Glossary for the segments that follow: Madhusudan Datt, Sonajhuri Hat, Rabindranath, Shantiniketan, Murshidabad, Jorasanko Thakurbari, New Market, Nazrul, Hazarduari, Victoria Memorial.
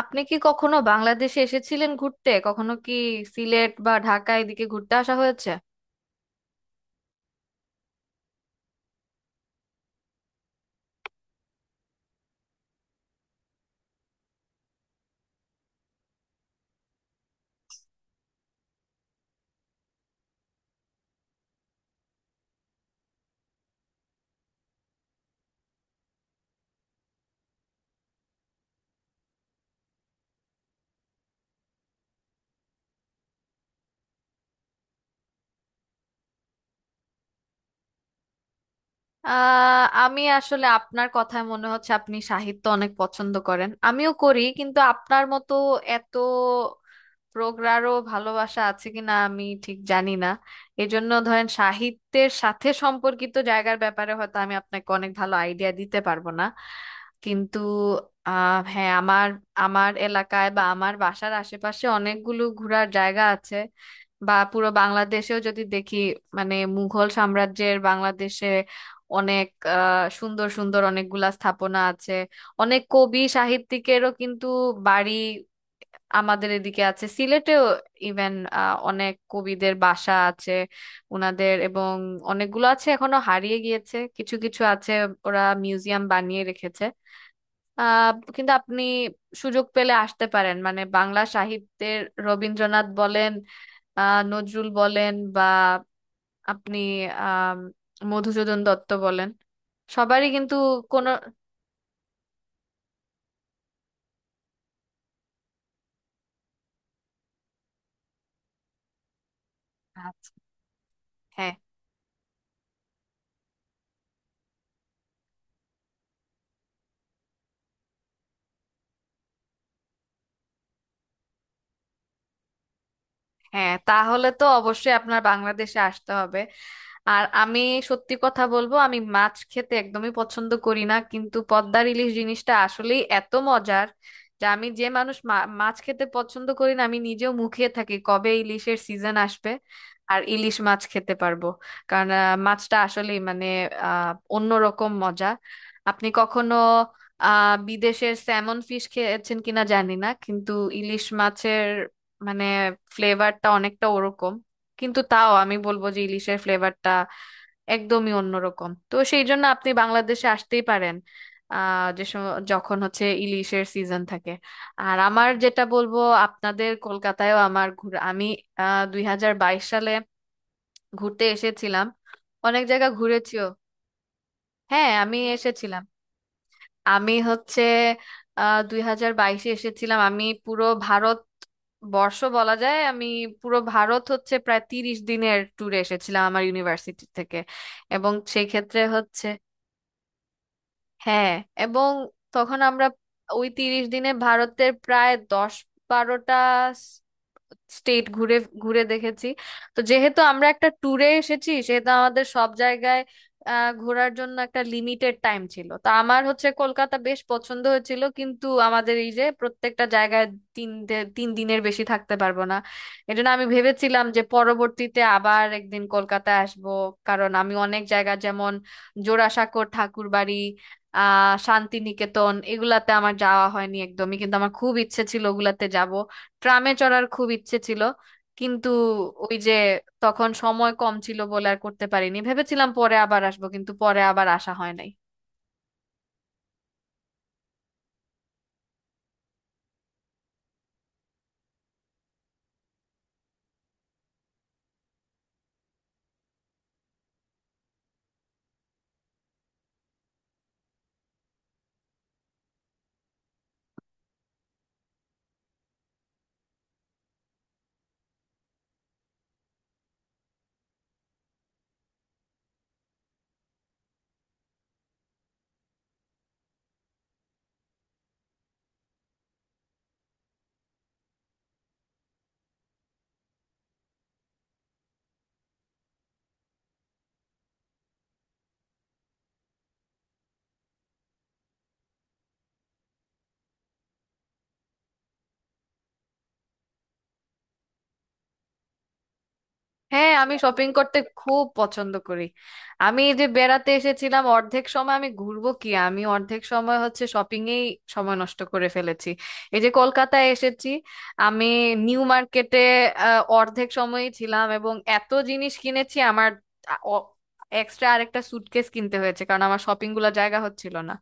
আপনি কি কখনো বাংলাদেশে এসেছিলেন ঘুরতে? কখনো কি সিলেট বা ঢাকা এদিকে ঘুরতে আসা হয়েছে? আমি আসলে আপনার কথায় মনে হচ্ছে আপনি সাহিত্য অনেক পছন্দ করেন, আমিও করি, কিন্তু আপনার মতো এত প্রগাঢ় ভালোবাসা আছে কিনা আমি ঠিক জানি না। এজন্য ধরেন সাহিত্যের সাথে সম্পর্কিত জায়গার ব্যাপারে হয়তো আমি আপনাকে অনেক ভালো আইডিয়া দিতে পারবো না, কিন্তু হ্যাঁ, আমার আমার এলাকায় বা আমার বাসার আশেপাশে অনেকগুলো ঘোরার জায়গা আছে, বা পুরো বাংলাদেশেও যদি দেখি, মানে মুঘল সাম্রাজ্যের বাংলাদেশে অনেক সুন্দর সুন্দর অনেকগুলা স্থাপনা আছে। অনেক কবি সাহিত্যিকেরও কিন্তু বাড়ি আমাদের এদিকে আছে, সিলেটেও ইভেন অনেক কবিদের বাসা আছে উনাদের, এবং অনেকগুলো আছে, এখনো হারিয়ে গিয়েছে, কিছু কিছু আছে, ওরা মিউজিয়াম বানিয়ে রেখেছে। আহ কিন্তু আপনি সুযোগ পেলে আসতে পারেন, মানে বাংলা সাহিত্যের রবীন্দ্রনাথ বলেন, নজরুল বলেন, বা আপনি আহ মধুসূদন দত্ত বলেন, সবারই কিন্তু কোনো। আচ্ছা, হ্যাঁ। হ্যাঁ, তাহলে তো অবশ্যই আপনার বাংলাদেশে আসতে হবে। আর আমি সত্যি কথা বলবো, আমি মাছ খেতে একদমই পছন্দ করি না, কিন্তু পদ্মার ইলিশ জিনিসটা আসলেই এত মজার যে আমি, যে মানুষ মাছ খেতে পছন্দ করি না, আমি নিজেও মুখিয়ে থাকি কবে ইলিশের সিজন আসবে আর ইলিশ মাছ খেতে পারবো। কারণ মাছটা আসলেই মানে অন্যরকম মজা। আপনি কখনো বিদেশের স্যামন ফিশ খেয়েছেন কিনা জানি না, কিন্তু ইলিশ মাছের মানে ফ্লেভারটা অনেকটা ওরকম, কিন্তু তাও আমি বলবো যে ইলিশের ফ্লেভারটা একদমই অন্যরকম, তো সেই জন্য আপনি বাংলাদেশে আসতেই পারেন যে যখন হচ্ছে ইলিশের সিজন থাকে। আর আমার যেটা বলবো, আপনাদের কলকাতায়ও আমার ঘুরে আমি 2022 সালে ঘুরতে এসেছিলাম, অনেক জায়গা ঘুরেছিও। হ্যাঁ, আমি এসেছিলাম। আমি হচ্ছে 2022-এ এসেছিলাম। আমি পুরো ভারত বর্ষ বলা যায়, আমি পুরো ভারত হচ্ছে প্রায় 30 দিনের ট্যুরে এসেছিলাম আমার ইউনিভার্সিটি থেকে, এবং সেই ক্ষেত্রে হচ্ছে, হ্যাঁ, এবং তখন আমরা ওই 30 দিনে ভারতের প্রায় 10-12টা স্টেট ঘুরে ঘুরে দেখেছি। তো যেহেতু আমরা একটা ট্যুরে এসেছি, সেহেতু আমাদের সব জায়গায় ঘোরার জন্য একটা লিমিটেড টাইম ছিল, তা আমার হচ্ছে কলকাতা বেশ পছন্দ হয়েছিল, কিন্তু আমাদের এই যে প্রত্যেকটা জায়গায় 3 দিনের বেশি থাকতে পারবো না। এজন্য আমি ভেবেছিলাম যে পরবর্তীতে আবার একদিন কলকাতা আসব, কারণ আমি অনেক জায়গা যেমন জোড়াসাঁকোর ঠাকুরবাড়ি, শান্তিনিকেতন, এগুলাতে আমার যাওয়া হয়নি একদমই, কিন্তু আমার খুব ইচ্ছে ছিল ওগুলাতে যাব। ট্রামে চড়ার খুব ইচ্ছে ছিল, কিন্তু ওই যে তখন সময় কম ছিল বলে আর করতে পারিনি, ভেবেছিলাম পরে আবার আসবো, কিন্তু পরে আবার আসা হয় নাই। হ্যাঁ, আমি শপিং করতে খুব পছন্দ করি। আমি এই যে বেড়াতে এসেছিলাম, অর্ধেক সময় আমি ঘুরবো কি, আমি অর্ধেক সময় হচ্ছে শপিং এই সময় নষ্ট করে ফেলেছি। এই যে কলকাতায় এসেছি আমি নিউ মার্কেটে অর্ধেক সময়ই ছিলাম, এবং এত জিনিস কিনেছি আমার আ- অ- এক্সট্রা আরেকটা সুটকেস কিনতে হয়েছে, কারণ আমার শপিং গুলো জায়গা হচ্ছিল না।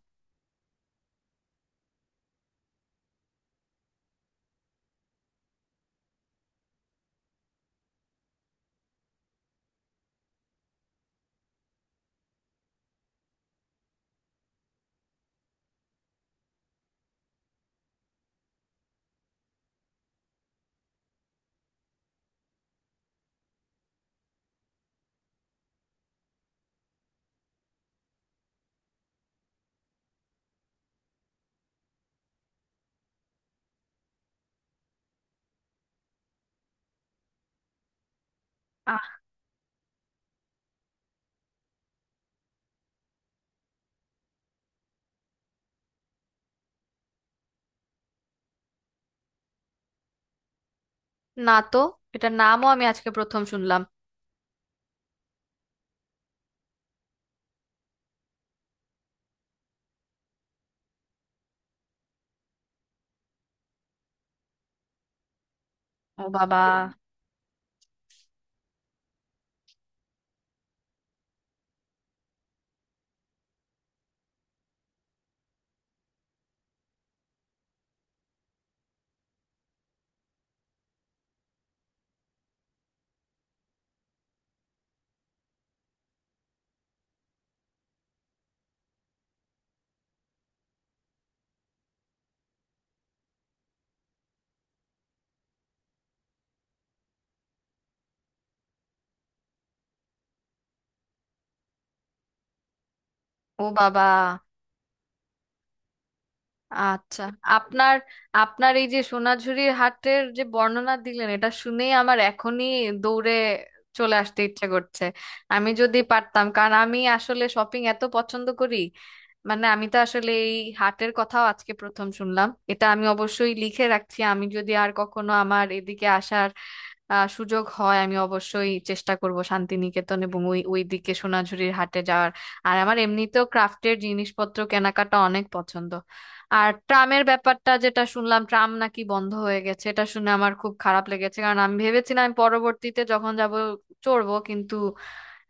আহ না, তো এটার নামও আমি আজকে প্রথম শুনলাম। ও বাবা। ও বাবা। আচ্ছা। আপনার আপনার এই যে সোনাঝুরির হাটের যে বর্ণনা দিলেন, এটা শুনেই আমার এখনই দৌড়ে চলে আসতে ইচ্ছা করছে আমি যদি পারতাম, কারণ আমি আসলে শপিং এত পছন্দ করি। মানে আমি তো আসলে এই হাটের কথাও আজকে প্রথম শুনলাম, এটা আমি অবশ্যই লিখে রাখছি। আমি যদি আর কখনো আমার এদিকে আসার সুযোগ হয়, আমি অবশ্যই চেষ্টা করব শান্তিনিকেতন এবং ওই ওই দিকে সোনাঝুরির হাটে যাওয়ার। আর আমার এমনিতেও ক্রাফটের জিনিসপত্র কেনাকাটা অনেক পছন্দ। আর ট্রামের ব্যাপারটা যেটা শুনলাম, ট্রাম নাকি বন্ধ হয়ে গেছে, এটা শুনে আমার খুব খারাপ লেগেছে, কারণ আমি ভেবেছিলাম আমি পরবর্তীতে যখন যাব চড়বো, কিন্তু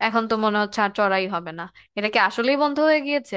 এখন তো মনে হচ্ছে আর চড়াই হবে না। এটা কি আসলেই বন্ধ হয়ে গিয়েছে?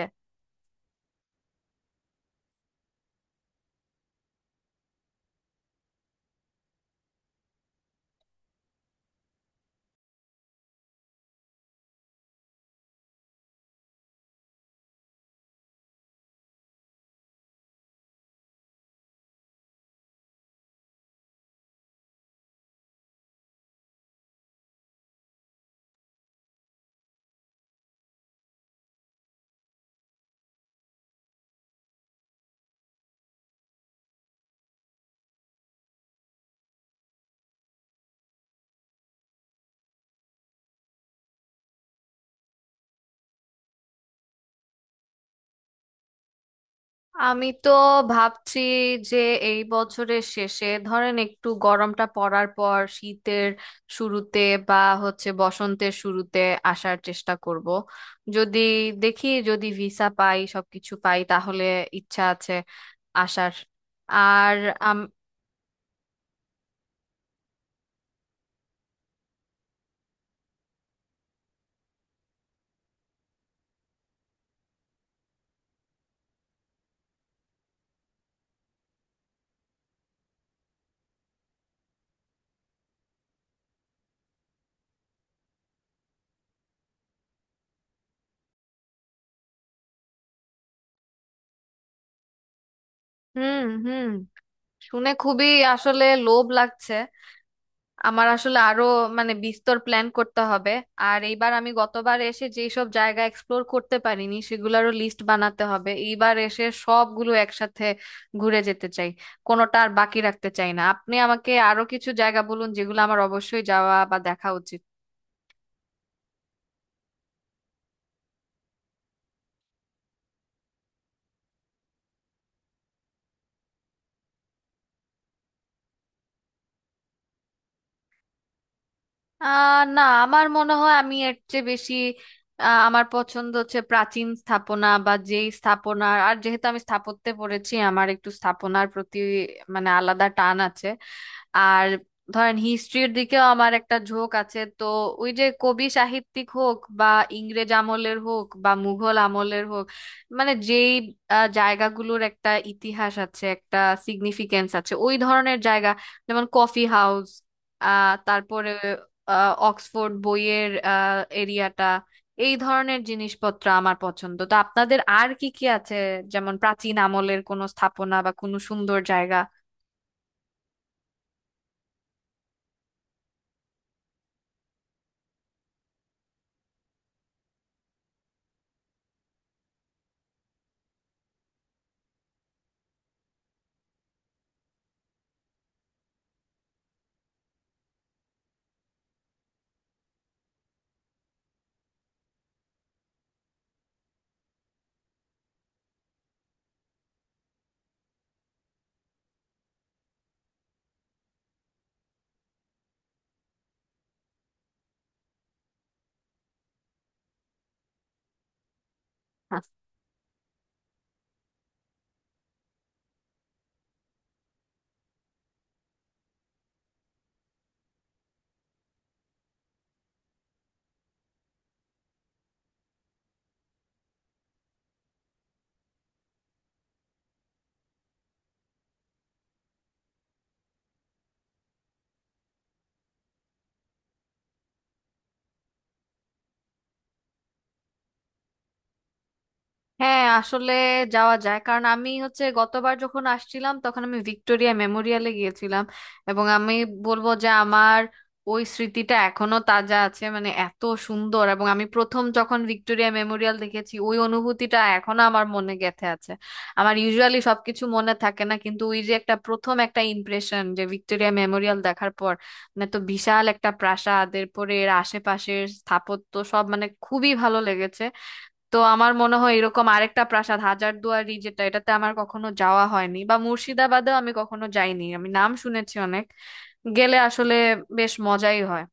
আমি তো ভাবছি যে এই বছরের শেষে, ধরেন একটু গরমটা পড়ার পর শীতের শুরুতে, বা হচ্ছে বসন্তের শুরুতে আসার চেষ্টা করব, যদি দেখি যদি ভিসা পাই সবকিছু পাই, তাহলে ইচ্ছা আছে আসার। আর আম হুম, হুম। শুনে খুবই আসলে লোভ লাগছে। আমার আসলে আরো মানে বিস্তর প্ল্যান করতে হবে। আর এইবার, আমি গতবার এসে যেই সব জায়গা এক্সপ্লোর করতে পারিনি, সেগুলোরও লিস্ট বানাতে হবে। এইবার এসে সবগুলো একসাথে ঘুরে যেতে চাই, কোনোটা আর বাকি রাখতে চাই না। আপনি আমাকে আরো কিছু জায়গা বলুন যেগুলো আমার অবশ্যই যাওয়া বা দেখা উচিত। না, আমার মনে হয় আমি এর চেয়ে বেশি আমার পছন্দ হচ্ছে প্রাচীন স্থাপনা, বা যেই স্থাপনা। আর যেহেতু আমি স্থাপত্যে পড়েছি, আমার একটু স্থাপনার প্রতি মানে আলাদা টান আছে। আর ধরেন হিস্ট্রির দিকেও আমার একটা ঝোঁক আছে, তো ওই যে কবি সাহিত্যিক হোক, বা ইংরেজ আমলের হোক, বা মুঘল আমলের হোক, মানে যেই জায়গাগুলোর একটা ইতিহাস আছে, একটা সিগনিফিকেন্স আছে, ওই ধরনের জায়গা, যেমন কফি হাউস, তারপরে অক্সফোর্ড বইয়ের এরিয়াটা। এই ধরনের জিনিসপত্র আমার পছন্দ, তো আপনাদের আর কি কি আছে যেমন প্রাচীন আমলের কোনো স্থাপনা বা কোনো সুন্দর জায়গা? হ্যাঁ, আসলে যাওয়া যায়, কারণ আমি হচ্ছে গতবার যখন আসছিলাম তখন আমি ভিক্টোরিয়া মেমোরিয়ালে গিয়েছিলাম, এবং আমি বলবো যে আমার ওই স্মৃতিটা এখনো তাজা আছে, মানে এত সুন্দর, এবং আমি প্রথম যখন ভিক্টোরিয়া মেমোরিয়াল দেখেছি, ওই অনুভূতিটা এখনো আমার মনে গেঁথে আছে। আমার ইউজুয়ালি সবকিছু মনে থাকে না, কিন্তু ওই যে একটা প্রথম একটা ইমপ্রেশন যে ভিক্টোরিয়া মেমোরিয়াল দেখার পর, মানে তো বিশাল একটা প্রাসাদ, এরপরে এর আশেপাশের স্থাপত্য সব মানে খুবই ভালো লেগেছে। তো আমার মনে হয় এরকম আরেকটা প্রাসাদ হাজারদুয়ারি যেটা, এটাতে আমার কখনো যাওয়া হয়নি, বা মুর্শিদাবাদেও আমি কখনো যাইনি, আমি নাম শুনেছি অনেক, গেলে আসলে বেশ মজাই হয়।